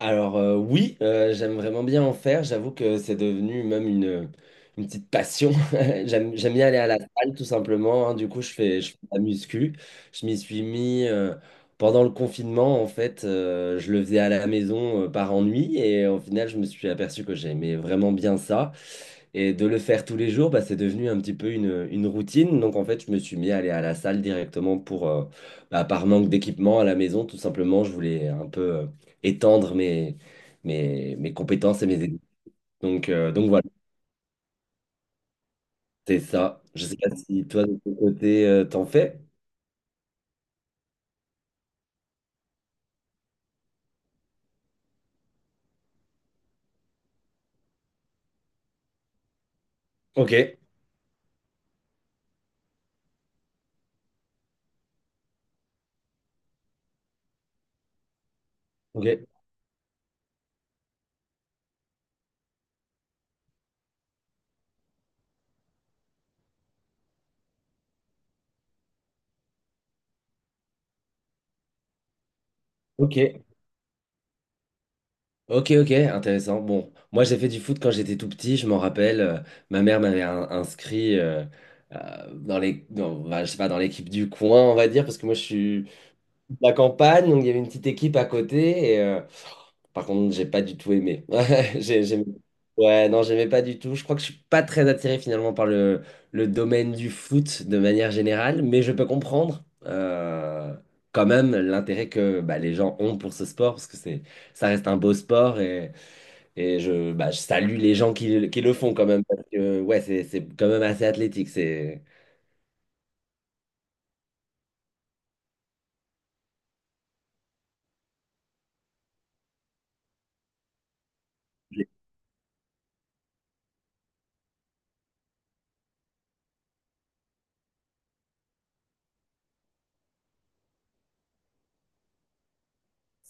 Alors oui, j'aime vraiment bien en faire. J'avoue que c'est devenu même une petite passion. J'aime bien aller à la salle tout simplement, hein. Du coup, je fais de la muscu. Je m'y suis mis pendant le confinement. En fait, je le faisais à la maison, par ennui. Et au final, je me suis aperçu que j'aimais vraiment bien ça. Et de le faire tous les jours, bah, c'est devenu un petit peu une routine. Donc en fait, je me suis mis à aller à la salle directement pour, bah, par manque d'équipement à la maison. Tout simplement, je voulais un peu étendre mes compétences et mes aides. Donc voilà, c'est ça. Je sais pas si toi, de ton côté, t'en fais. Ok, ok, ok, ok, ok, intéressant. Bon, moi, j'ai fait du foot quand j'étais tout petit, je m'en rappelle. Ma mère m'avait inscrit, bah, je sais pas, dans l'équipe du coin, on va dire, parce que moi, je suis de la campagne, donc il y avait une petite équipe à côté. Par contre, j'ai pas du tout aimé. Ouais, ouais, non, j'aimais pas du tout. Je crois que je suis pas très attiré finalement par le domaine du foot de manière générale, mais je peux comprendre quand même l'intérêt que bah, les gens ont pour ce sport, parce que ça reste un beau sport et je, bah, je salue les gens qui le font quand même, parce que ouais, c'est quand même assez athlétique. C'est,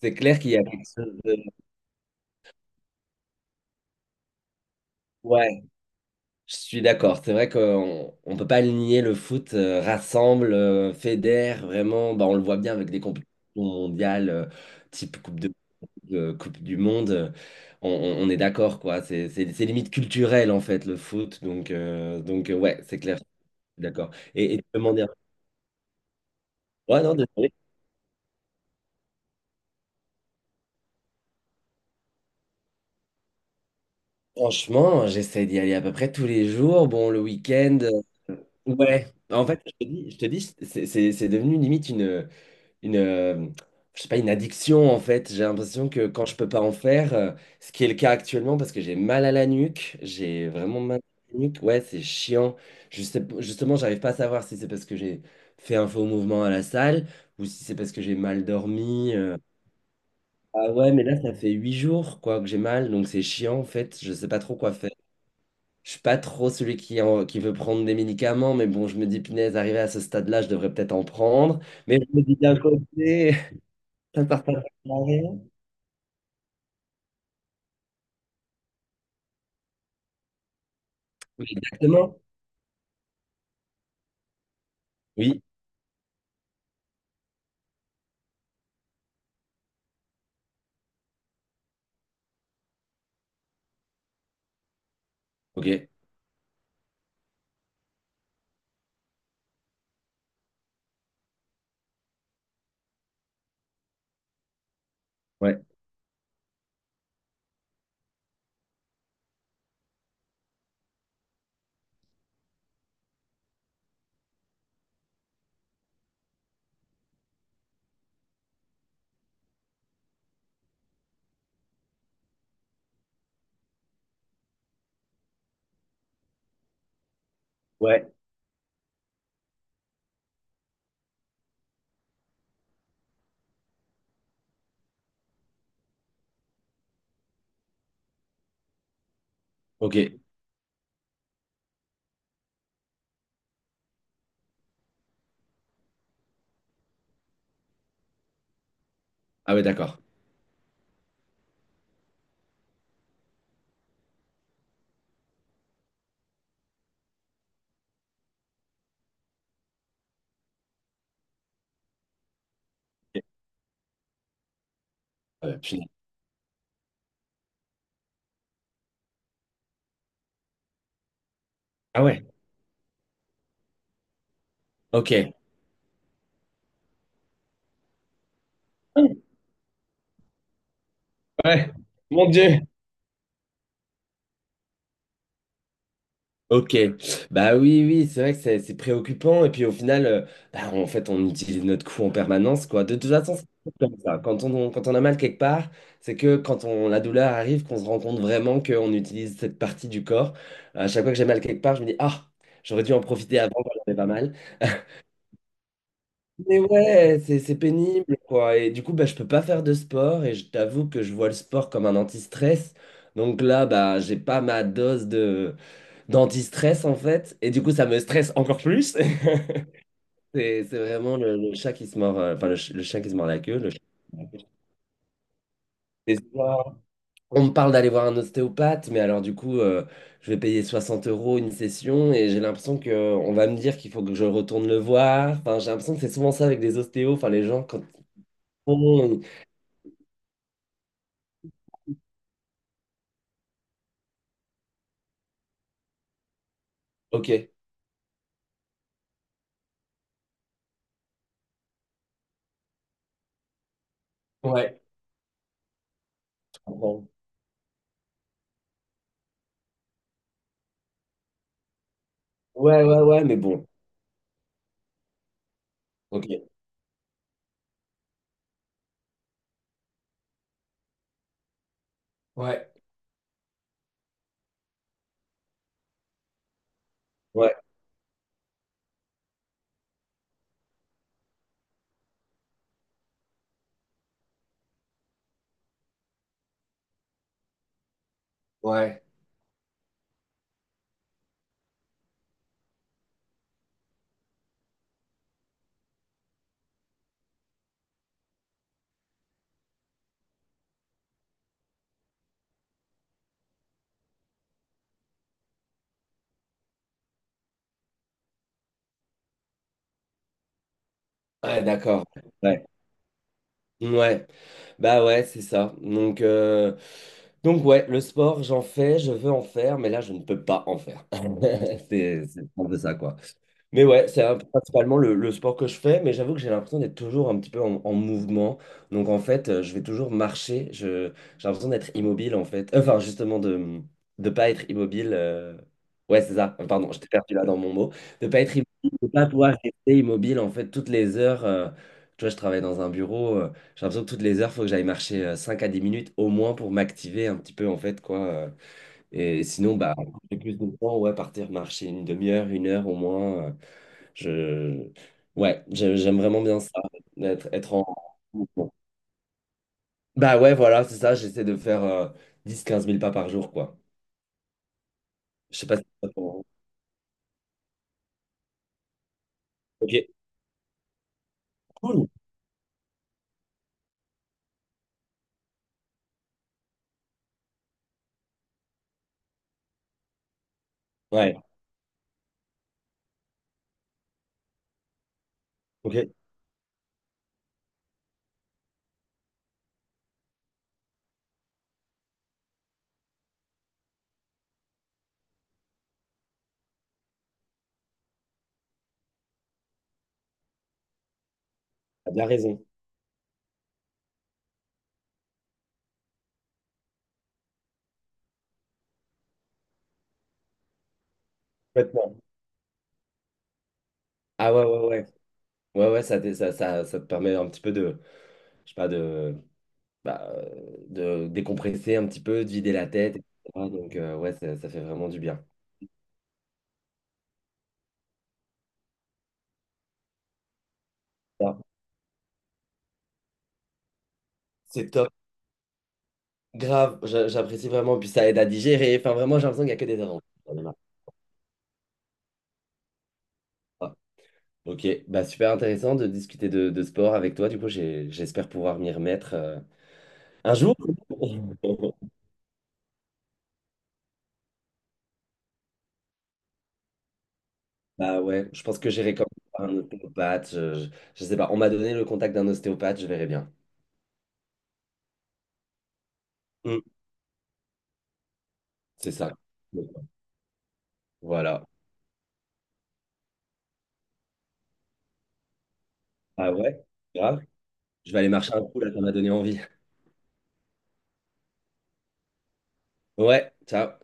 c'est clair qu'il y a quelque chose. Ouais, je suis d'accord. C'est vrai qu'on ne peut pas le nier, le foot rassemble, fédère, vraiment. Bah, on le voit bien avec des compétitions mondiales, type Coupe du Monde. On est d'accord, quoi. C'est limite culturel, en fait, le foot. Donc, ouais, c'est clair. Je suis d'accord. Et te demander. Ouais, non, désolé. Franchement, j'essaie d'y aller à peu près tous les jours. Bon, le week-end. Ouais. En fait, je te dis, c'est devenu limite une, euh, je sais pas, une addiction en fait. J'ai l'impression que quand je peux pas en faire, ce qui est le cas actuellement parce que j'ai mal à la nuque, j'ai vraiment mal à la nuque. Ouais, c'est chiant. Justement, j'arrive pas à savoir si c'est parce que j'ai fait un faux mouvement à la salle ou si c'est parce que j'ai mal dormi. Ah ouais, mais là, ça fait 8 jours quoi que j'ai mal, donc c'est chiant en fait. Je sais pas trop quoi faire. Je suis pas trop celui qui veut prendre des médicaments, mais bon, je me dis, punaise, arrivé à ce stade-là, je devrais peut-être en prendre. Mais je me dis d'un côté, un tartare à rien. Oui, exactement. Oui, ok. Ouais, ouais, ok. Ah ouais, d'accord. Ok. Ah ouais, punaise. Ah ouais, ok. Ouais, mon Dieu. Ok. Bah oui, oui, c'est vrai que c'est préoccupant. Et puis au final, bah, en fait, on utilise notre cou en permanence, quoi. De toute façon, c'est comme ça. Quand on a mal quelque part, c'est que quand on, la douleur arrive, qu'on se rend compte vraiment qu'on utilise cette partie du corps. À chaque fois que j'ai mal quelque part, je me dis, ah, j'aurais dû en profiter avant quand j'avais pas mal. Mais ouais, c'est pénible, quoi. Et du coup, bah, je peux pas faire de sport et je t'avoue que je vois le sport comme un anti-stress. Donc là, bah, j'ai pas ma dose de d'anti-stress en fait. Et du coup, ça me stresse encore plus. C'est vraiment le chat qui se mord, enfin le chien qui se mord la queue. Le chat. Et ça, on me parle d'aller voir un ostéopathe, mais alors du coup, je vais payer 60 euros une session et j'ai l'impression que on va me dire qu'il faut que je retourne le voir. Enfin, j'ai l'impression que c'est souvent ça avec des ostéos. Enfin, les gens, quand font, ils- ok, ouais, bon. Ouais, ouais, ouais, mais bon. Ok. Ouais, ouais, ouais. Ouais, d'accord. Ouais. Ouais, bah ouais, c'est ça. Donc ouais, le sport, j'en fais, je veux en faire, mais là, je ne peux pas en faire. C'est un peu ça, quoi. Mais ouais, principalement le sport que je fais, mais j'avoue que j'ai l'impression d'être toujours un petit peu en mouvement. Donc en fait, je vais toujours marcher. J'ai l'impression d'être immobile, en fait. Enfin, justement, de ne pas être immobile. Ouais, c'est ça. Pardon, je t'ai perdu là dans mon mot. De pas être immobile, de pas pouvoir rester immobile, en fait, toutes les heures. Tu vois, je travaille dans un bureau. J'ai l'impression que toutes les heures, faut que j'aille marcher 5 à dix minutes au moins pour m'activer un petit peu en fait quoi. Et sinon, bah j'ai plus de temps, ouais, partir marcher une demi-heure, une heure au moins. Je ouais, j'aime vraiment bien ça, être en mouvement. Bah ouais, voilà, c'est ça, j'essaie de faire 10-15 000 pas par jour, quoi. Je sais pas si c'est pour... Ok, cool. Ouais, ok, t'as bien raison. Complètement. Ah ouais, ouais, ouais. Ouais, ouais, ça te permet un petit peu je sais pas, de décompresser un petit peu, de vider la tête, etc. Donc, ouais, ça fait vraiment du bien. Ah, c'est top, grave, j'apprécie vraiment. Puis ça aide à digérer. Enfin, vraiment, j'ai l'impression qu'il n'y a que des avantages. On Ok, bah, super intéressant de discuter de sport avec toi. Du coup, j'espère pouvoir m'y remettre un jour. Bah ouais, je pense que j'irai comme un ostéopathe. Je sais pas, on m'a donné le contact d'un ostéopathe, je verrai bien. Mm. C'est ça. Voilà. Ah ouais, grave. Je vais aller marcher un coup là, ça m'a donné envie. Ouais, ciao.